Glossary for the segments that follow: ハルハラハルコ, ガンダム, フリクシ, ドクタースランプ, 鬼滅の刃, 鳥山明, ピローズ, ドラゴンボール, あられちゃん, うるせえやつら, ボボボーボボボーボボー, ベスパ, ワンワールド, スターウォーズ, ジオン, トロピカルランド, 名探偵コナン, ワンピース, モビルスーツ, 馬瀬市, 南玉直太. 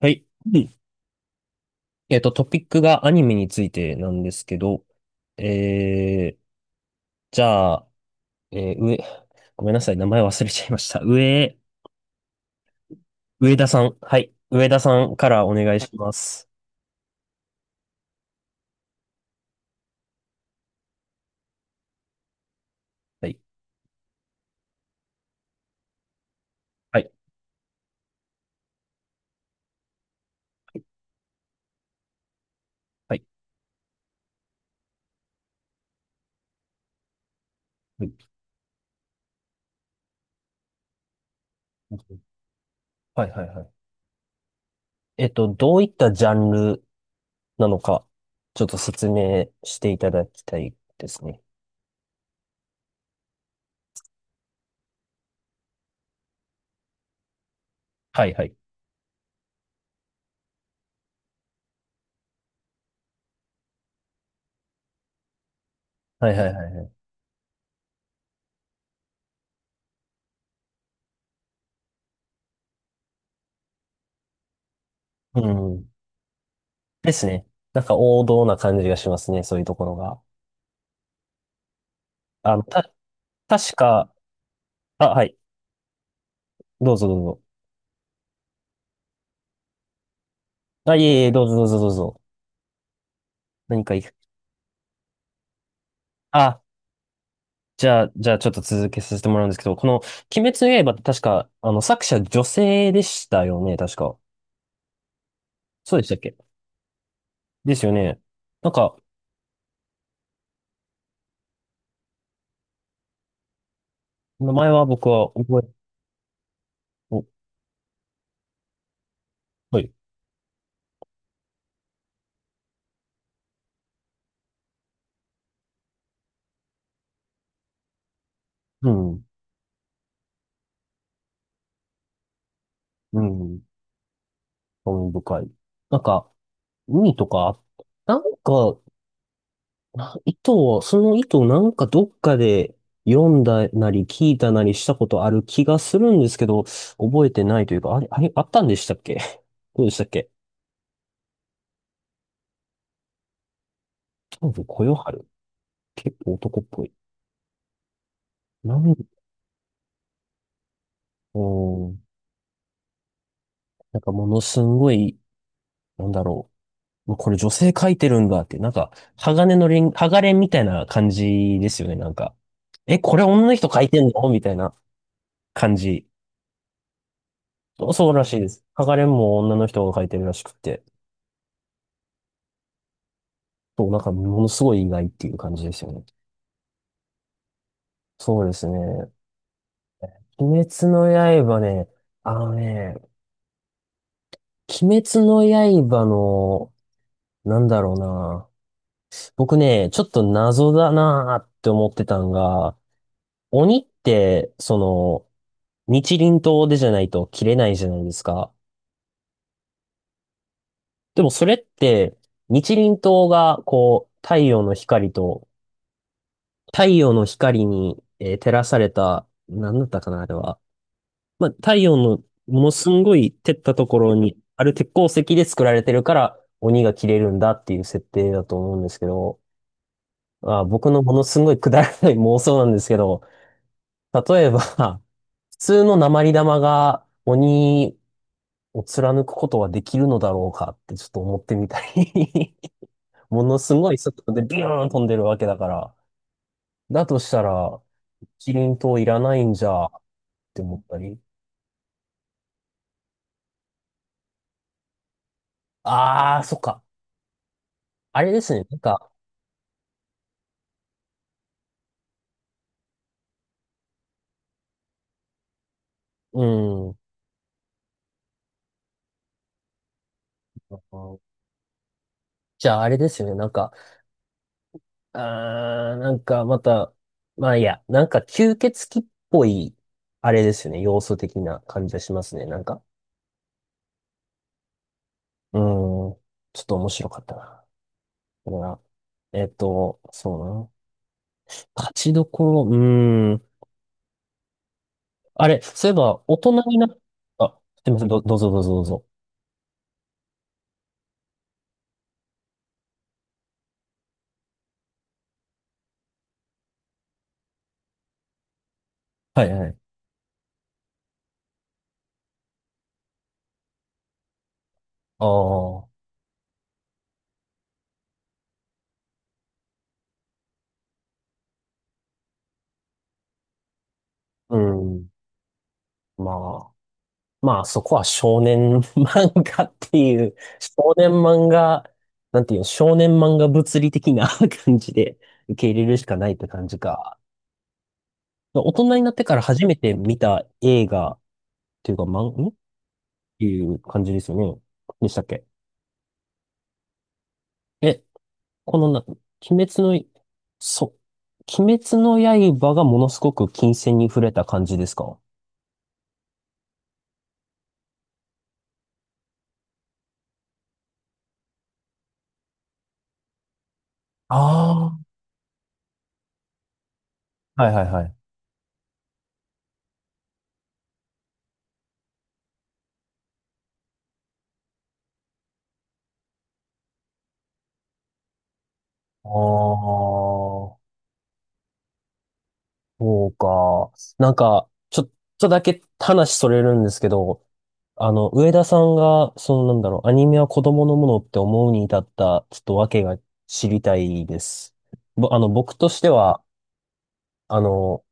はい。うん。トピックがアニメについてなんですけど、えー、じゃあ、えー、上、ごめんなさい、名前忘れちゃいました。上田さん。はい。上田さんからお願いします。はい。はい。はい。はい。はい。はいはい。どういったジャンルなのか、ちょっと説明していただきたいですね。はい。はい。はい。はい。はい。はい。うん。ですね。なんか王道な感じがしますね、そういうところが。あの、た、確か、あ、はい。どうぞどうぞ。あ、いえいえ、どうぞどうぞどうぞ。何かいい。あ、じゃあちょっと続けさせてもらうんですけど、この、鬼滅の刃って確か、作者女性でしたよね、確か。そうでしたっけ。ですよね。なんか、名前は僕は覚え、お、はい。うん、うん、興味深い。なんか、海とか、なんか、な糸を、その糸をなんかどっかで読んだなり聞いたなりしたことある気がするんですけど、覚えてないというか、あれ、あれ、あったんでしたっけ。どうでしたっけ。多分、こよはる。結構男っぽい。なん、うん。なんかものすんごい、なんだろう。もうこれ女性描いてるんだって、なんか、鋼のレン、鋼レンみたいな感じですよね、なんか。え、これ女の人描いてんのみたいな感じ。そうそうらしいです。鋼レンも女の人が描いてるらしくて。そう、なんかものすごい意外っていう感じですよね。そうですね。鬼滅の刃ね、あのね、鬼滅の刃の、なんだろうな。僕ね、ちょっと謎だなーって思ってたんが、鬼って、その、日輪刀でじゃないと切れないじゃないですか。でもそれって、日輪刀が、こう、太陽の光と、太陽の光に、照らされた、なんだったかな、あれは。まあ、太陽のものすんごい照ったところにある鉄鉱石で作られてるから、鬼が切れるんだっていう設定だと思うんですけど、あ、僕のものすんごいくだらない妄想なんですけど、例えば、普通の鉛玉が鬼を貫くことはできるのだろうかってちょっと思ってみたり ものすごい速度でビューン飛んでるわけだから。だとしたら、キリン島いらないんじゃって思ったり。ああ、そっか。あれですね。なんか、うん。じゃああれですよね。なんか、あー、なんかまた、まあいいや、なんか吸血鬼っぽい、あれですよね。要素的な感じがしますね。なんか、うん。ちょっと面白かったな。だから、そうだな。勝ちどころ、うーん。あれ、そういえば、大人になった、あ、すいません、どうぞどうぞどうぞ。はいはい。ああ、うん。まあ、まあ、そこは少年 漫画っていう、少年漫画、なんていうの、少年漫画物理的な 感じで受け入れるしかないって感じか。大人になってから初めて見た映画っていうか、漫、んっていう感じですよね。でしたっけ。え、このな、鬼滅の、そう、鬼滅の刃がものすごく金線に触れた感じですか。ああ、はいはいはい。ああ、そうか。なんか、ちょっとだけ話それるんですけど、上田さんが、そのなんだろう、アニメは子供のものって思うに至った、ちょっと訳が知りたいです。ぼ、あの、僕としては、あの、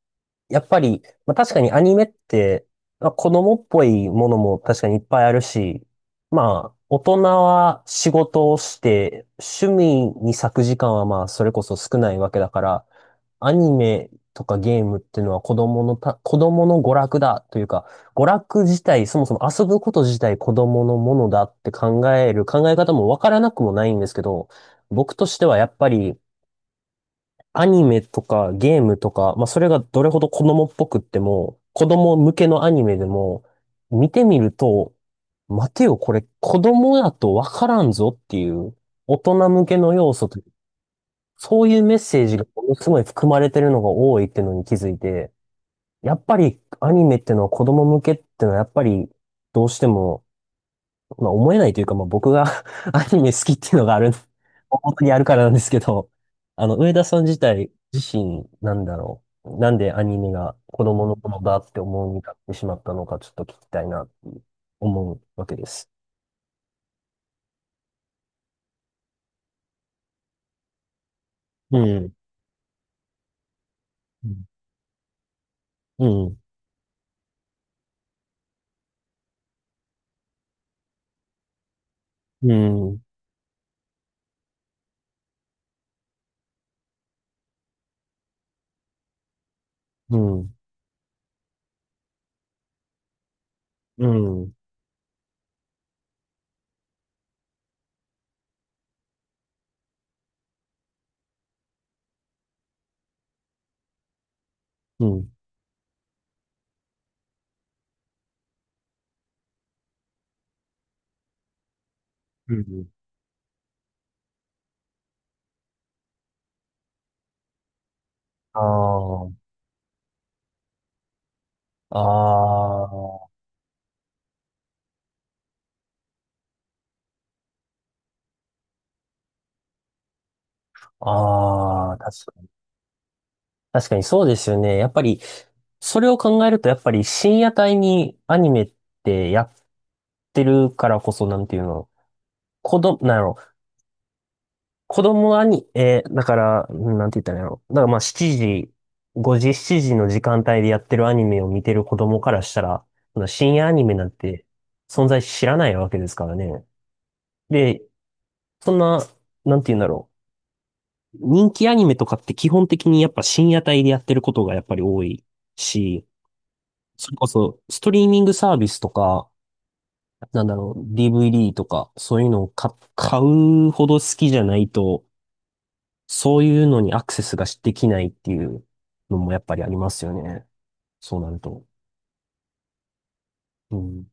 やっぱり、まあ、確かにアニメって、まあ、子供っぽいものも確かにいっぱいあるし、まあ、大人は仕事をして、趣味に割く時間はまあ、それこそ少ないわけだから、アニメとかゲームっていうのは子供のた、子供の娯楽だというか、娯楽自体、そもそも遊ぶこと自体子供のものだって考える考え方もわからなくもないんですけど、僕としてはやっぱりアニメとかゲームとか、まあ、それがどれほど子供っぽくっても、子供向けのアニメでも、見てみると、待てよ、これ子供やとわからんぞっていう、大人向けの要素と、そういうメッセージがものすごい含まれてるのが多いっていうのに気づいて、やっぱりアニメってのは子供向けってのはやっぱりどうしてもまあ思えないというか、まあ僕が アニメ好きっていうのがある、本当にあるからなんですけど、あの、上田さん自体、自身、なんだろう。なんでアニメが子供の頃だって思うになってしまったのか、ちょっと聞きたいな、思うわけです。うん。うん。うん。うん。うん。うん。うん。ああ。ああ。ああ。確かにそうですよね。やっぱり、それを考えると、やっぱり深夜帯にアニメってやってるからこそ、なんていうの、子供、なんやろ、子供アニ、だから、うんなんて言ったらいいんやろ。だからまあ7時、5時、7時の時間帯でやってるアニメを見てる子供からしたら、そんな深夜アニメなんて存在知らないわけですからね。で、そんな、なんて言うんだろう。人気アニメとかって基本的にやっぱ深夜帯でやってることがやっぱり多いし、それこそ、ストリーミングサービスとか、なんだろう、DVD とか、そういうのを買、買うほど好きじゃないと、そういうのにアクセスができないっていうのもやっぱりありますよね。そうなると。うん、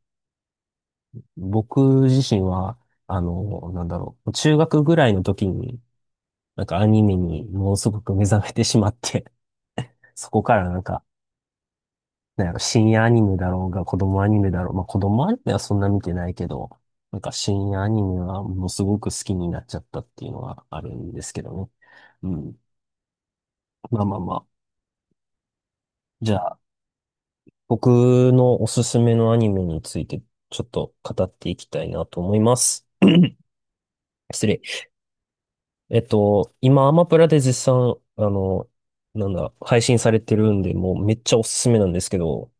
僕自身は、あの、なんだろう、中学ぐらいの時に、なんかアニメにものすごく目覚めてしまって、そこからなんかなんやろ、深夜アニメだろうが、子供アニメだろう。まあ、子供アニメはそんな見てないけど、なんか深夜アニメはものすごく好きになっちゃったっていうのはあるんですけどね。うん。まあまあまあ。じゃあ、僕のおすすめのアニメについてちょっと語っていきたいなと思います。失礼。今、アマプラで絶賛、あの、なんだ、配信されてるんで、もうめっちゃおすすめなんですけど、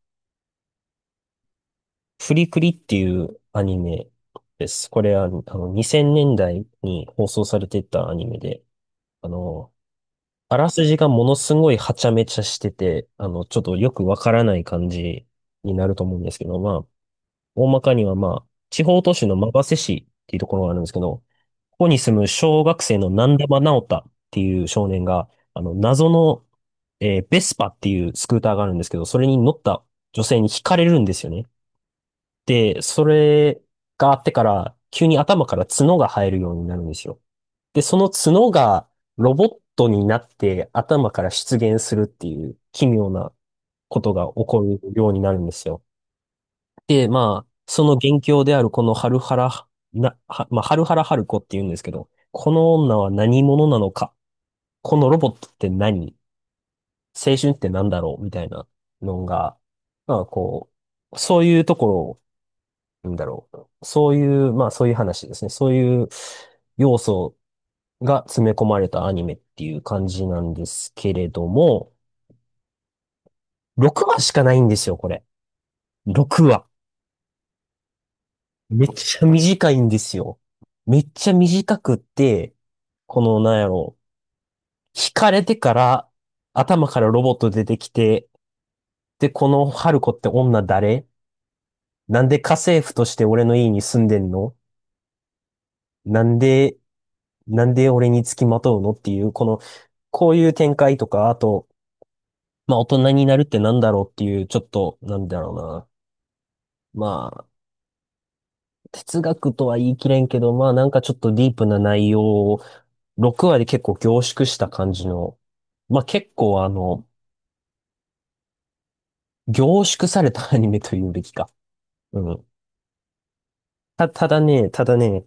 フリクリっていうアニメです。これは、あの、2000年代に放送されてたアニメで、あの、あらすじがものすごいはちゃめちゃしてて、あの、ちょっとよくわからない感じになると思うんですけど、まあ、大まかにはまあ、地方都市の馬瀬市っていうところがあるんですけど、ここに住む小学生の南玉直太っていう少年が、あの、謎の、ベスパっていうスクーターがあるんですけど、それに乗った女性に惹かれるんですよね。で、それがあってから、急に頭から角が生えるようになるんですよ。で、その角がロボットになって頭から出現するっていう奇妙なことが起こるようになるんですよ。で、まあ、その元凶であるこのハルハラハルコって言うんですけど、この女は何者なのか、このロボットって何、青春って何だろうみたいなのが、まあこう、そういうところをなんだろう。そういう、まあそういう話ですね。そういう要素が詰め込まれたアニメっていう感じなんですけれども、6話しかないんですよ、これ。6話。めっちゃ短いんですよ。めっちゃ短くって、この、なんやろう。惹かれてから、頭からロボット出てきて、で、この春子って女誰、なんで家政婦として俺の家に住んでんの、なんで、なんで俺に付きまとうのっていう、こういう展開とか、あと、まあ大人になるってなんだろうっていう、ちょっと、なんだろうな。まあ、哲学とは言い切れんけど、まあなんかちょっとディープな内容を6話で結構凝縮した感じの、まあ結構、凝縮されたアニメというべきか。うん。ただね、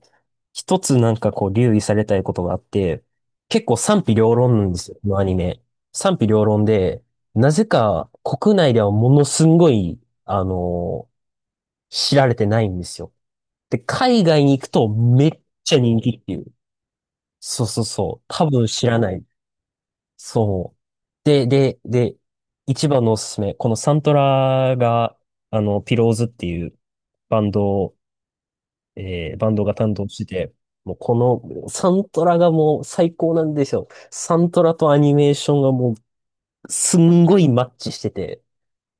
一つなんかこう留意されたいことがあって、結構賛否両論なんですよ、このアニメ。賛否両論で、なぜか国内ではものすんごい、あの知られてないんですよ。で、海外に行くとめっちゃ人気っていう。そうそうそう、多分知らない。そう。で、一番のおすすめ。このサントラが、ピローズっていうバンドを、バンドが担当してて、もうこのサントラがもう最高なんですよ。サントラとアニメーションがもうすんごいマッチしてて、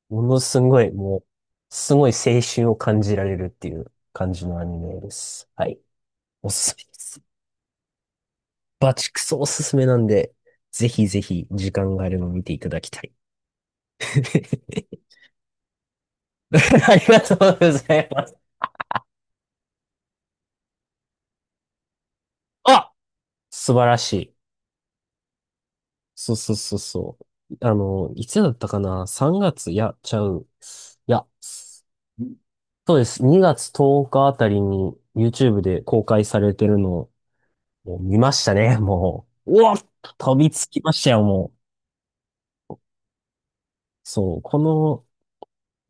ものすごいもう、すごい青春を感じられるっていう感じのアニメです。はい。おすすめです。バチクソおすすめなんで、ぜひぜひ時間があれば見ていただきたい。ありがとうございます。あ、素晴らしい。そうそうそうそう。いつだったかな？ 3 月、いや、ちゃう。いや、そうです。2月10日あたりに YouTube で公開されてるのをもう見ましたね、もう。うわ、飛びつきましたよ、もう。そう、この、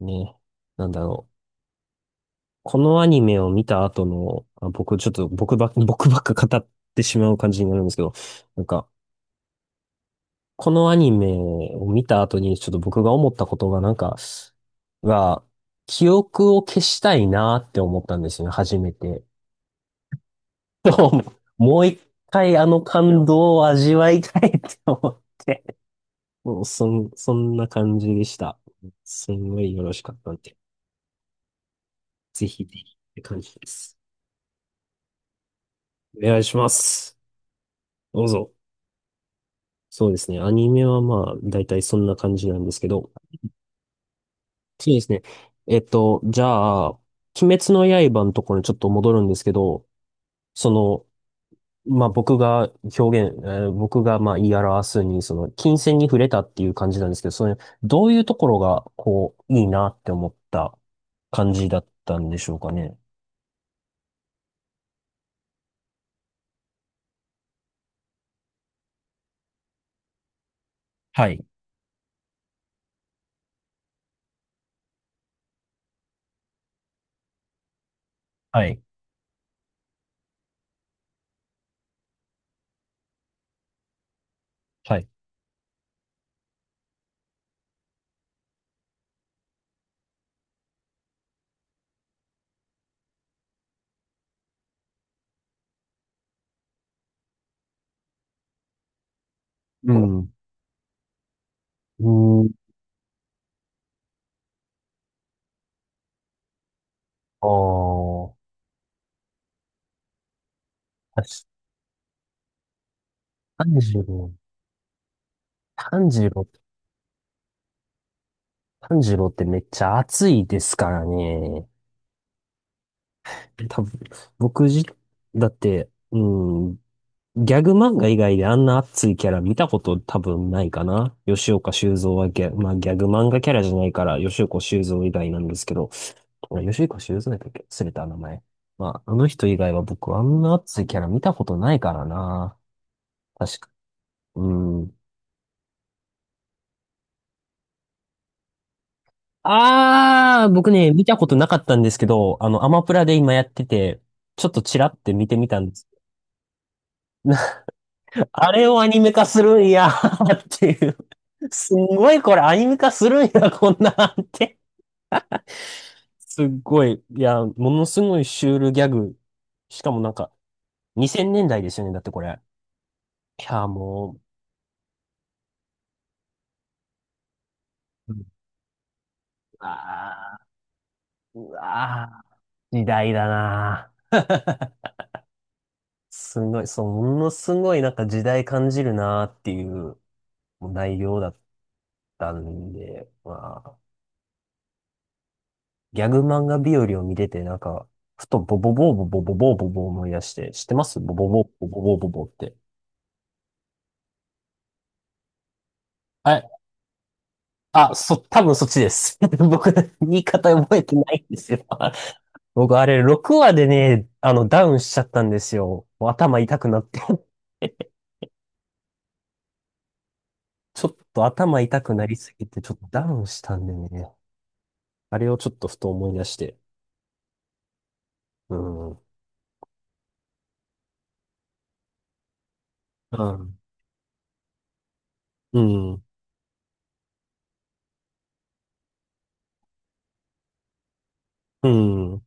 ね、なんだろう。このアニメを見た後の、あ、僕ちょっと僕ばっ、僕ばっか語ってしまう感じになるんですけど、なんか、このアニメを見た後にちょっと僕が思ったことがが、記憶を消したいなって思ったんですよね、初めて。もう一回あの感動を味わいたいって思って、もうそんな感じでした。すんごいよろしかったんで、ぜひぜひって感じです。お願いします。どうぞ。そうですね。アニメはまあ、だいたいそんな感じなんですけど、そうですね。じゃあ、鬼滅の刃のところにちょっと戻るんですけど、その、まあ僕が表現、え僕がまあ言い表すに、その、金線に触れたっていう感じなんですけど、それ、どういうところが、こう、いいなって思った感じだったんでしょうかね。はい。はい。はい。うん。うん。ああ、炭治郎。炭治郎、炭治郎ってめっちゃ熱いですからね。多分、僕じ、だって、うん、ギャグ漫画以外であんな熱いキャラ見たこと多分ないかな。吉岡修造はギャ、まあギャグ漫画キャラじゃないから、吉岡修造以外なんですけど、あ、吉岡修造だっけ、忘れた名前。まあ、あの人以外は僕あんな熱いキャラ見たことないからな。確か、うん。あー、僕ね、見たことなかったんですけど、アマプラで今やってて、ちょっとチラって見てみたんです。あれをアニメ化するんやー っていう。すんごいこれアニメ化するんや、こんなんって。すっごい、いや、ものすごいシュールギャグ。しかもなんか、2000年代ですよね、だってこれ。いや、もう、うん、あー、うわー、時代だなー。すごい、そう、ものすごいなんか時代感じるなーっていうもう内容だったんで、まあ、ギャグ漫画日和を見てて、なんか、ふとボボボーボボボボーボボー思い出して、知ってますボボボーボボボーボボーって。はい。多分そっちです。僕、言い方覚えてないんですよ。僕、あれ、6話でね、ダウンしちゃったんですよ。もう頭痛くなって ちょっと頭痛くなりすぎて、ちょっとダウンしたんでね。あれをちょっとふと思い出して。うん。うん。うん。うん。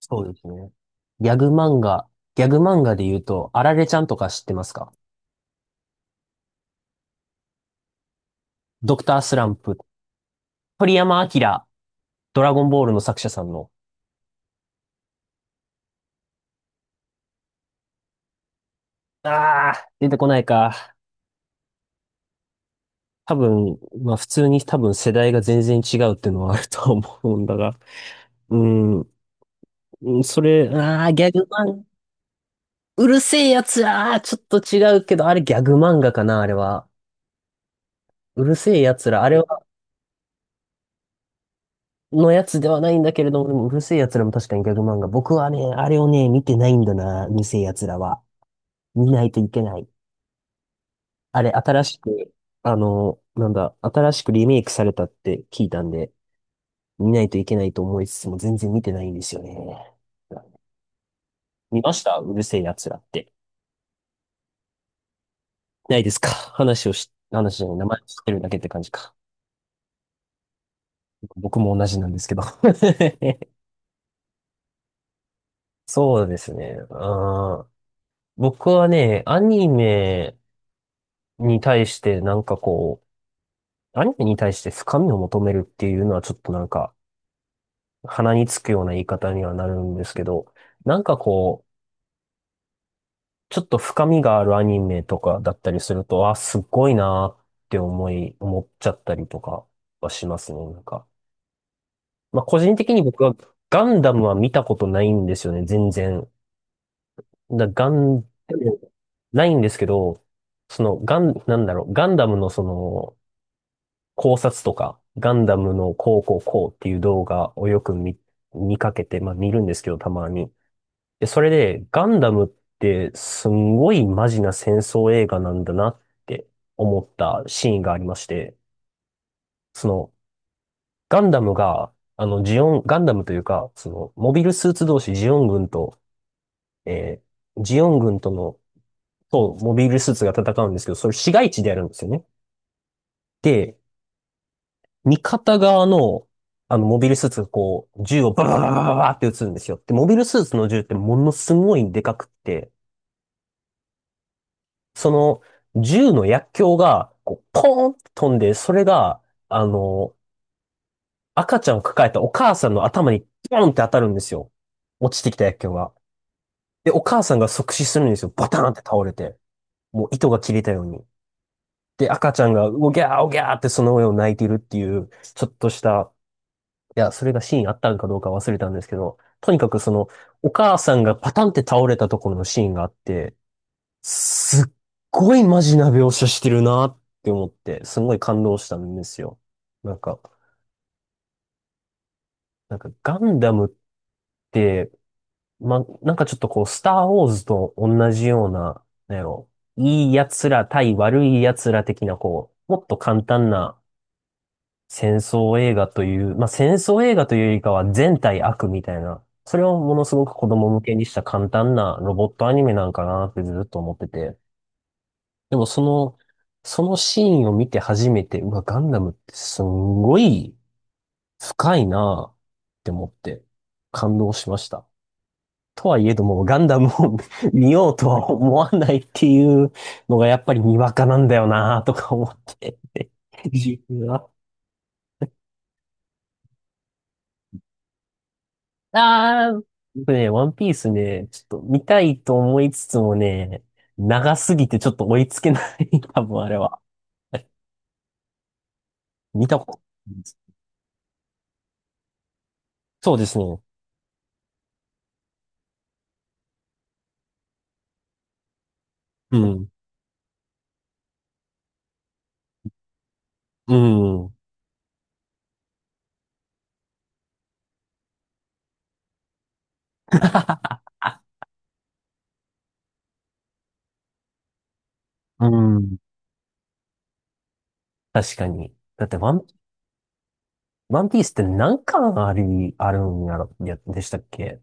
そうですね。ギャグ漫画、ギャグ漫画で言うと、あられちゃんとか知ってますか？ドクタースランプ、鳥山明、ドラゴンボールの作者さんの。ああ、出てこないか。多分、まあ普通に多分世代が全然違うっていうのはあると思うんだが。うん、うんそれ、ああ、ギャグ漫画、うるせえやつら、あーちょっと違うけど、あれギャグ漫画かな、あれは。うるせえやつら、あれはのやつではないんだけれども、でもうるせえ奴らも確かにギャグ漫画。僕はね、あれをね、見てないんだな、うるせえ奴らは。見ないといけない。あれ、新しく、あの、なんだ、新しくリメイクされたって聞いたんで、見ないといけないと思いつつも全然見てないんですよね。見ましたうるせえ奴らって。ないですか？ 話をし、話じゃない、名前知ってるだけって感じか。僕も同じなんですけど。そうですね。あー、僕はね、に対してなんかこアニメに対して深みを求めるっていうのはちょっとなんか鼻につくような言い方にはなるんですけど、なんかこう、ちょっと深みがあるアニメとかだったりすると、あ、すっごいなーって思っちゃったりとかはしますね、なんか。まあ個人的に僕はガンダムは見たことないんですよね、全然。だガン、ないんですけど、そのガン、なんだろう、ガンダムのその、考察とか、ガンダムのこうこうこうっていう動画をよく見かけて、まあ見るんですけど、たまに。で、それで、ガンダムってすんごいマジな戦争映画なんだなって思ったシーンがありまして、その、ガンダムというか、その、モビルスーツ同士、ジオン軍と、えージオン軍との、モビルスーツが戦うんですけど、それ市街地でやるんですよね。で、味方側の、モビルスーツがこう、銃をババババババって撃つんですよ。で、モビルスーツの銃ってものすごいでかくって、その、銃の薬莢が、こう、ポーンって飛んで、それが、あの、赤ちゃんを抱えたお母さんの頭に、ポーンって当たるんですよ。落ちてきた薬莢が。で、お母さんが即死するんですよ。バターンって倒れて。もう糸が切れたように。で、赤ちゃんが、おぎゃーおぎゃーってその上を泣いてるっていう、ちょっとした、いや、それがシーンあったかどうか忘れたんですけど、とにかくその、お母さんがパタンって倒れたところのシーンがあって、すっごいマジな描写してるなって思って、すごい感動したんですよ。なんか、なんかガンダムって、ま、なんかちょっとこう、スターウォーズと同じような、なんやろ、いい奴ら対悪い奴ら的なこう、もっと簡単な戦争映画という、まあ、戦争映画というよりかは全体悪みたいな、それをものすごく子供向けにした簡単なロボットアニメなんかなってずっと思ってて。でもその、そのシーンを見て初めて、うわ、ガンダムってすんごい深いなって思って感動しました。とはいえども、ガンダムを 見ようとは思わないっていうのがやっぱりにわかなんだよなとか思って。自分は僕ね、ワンピースね、ちょっと見たいと思いつつもね、長すぎてちょっと追いつけない、多分あれは。見たことないです。そうですね。うん。うん。うん。確かに。だってワン、ワンピースって何巻あるんやろ、や、でしたっけ？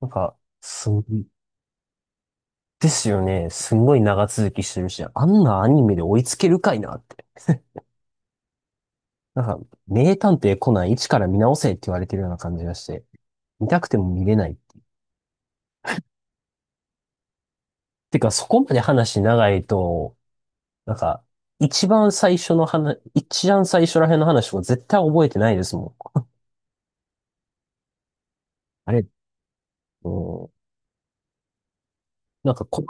なんか、すん、ですよね。すんごい長続きしてるし、あんなアニメで追いつけるかいなって。なんか、名探偵コナン一から見直せって言われてるような感じがして、見たくても見れない。てか、そこまで話長いと、なんか、一番最初の話、一番最初らへんの話とか絶対覚えてないですもん。あれ、うん、なんかこ、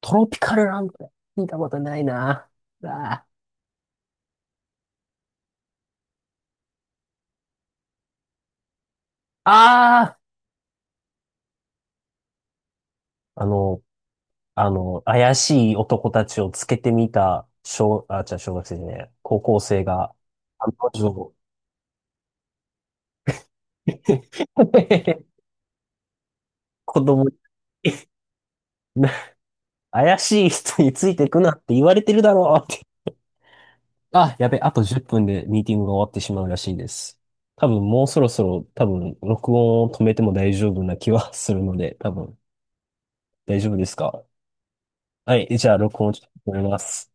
トロピカルランド見たことないな。ああ、あーあの、怪しい男たちをつけてみた、小学生じゃねえ、高校生が、案の定 子供に、怪しい人についてくなって言われてるだろう。あ、やべ、あと10分でミーティングが終わってしまうらしいです。多分もうそろそろ多分録音を止めても大丈夫な気はするので、多分大丈夫ですか？はい、じゃあ録音をちょっと止めます。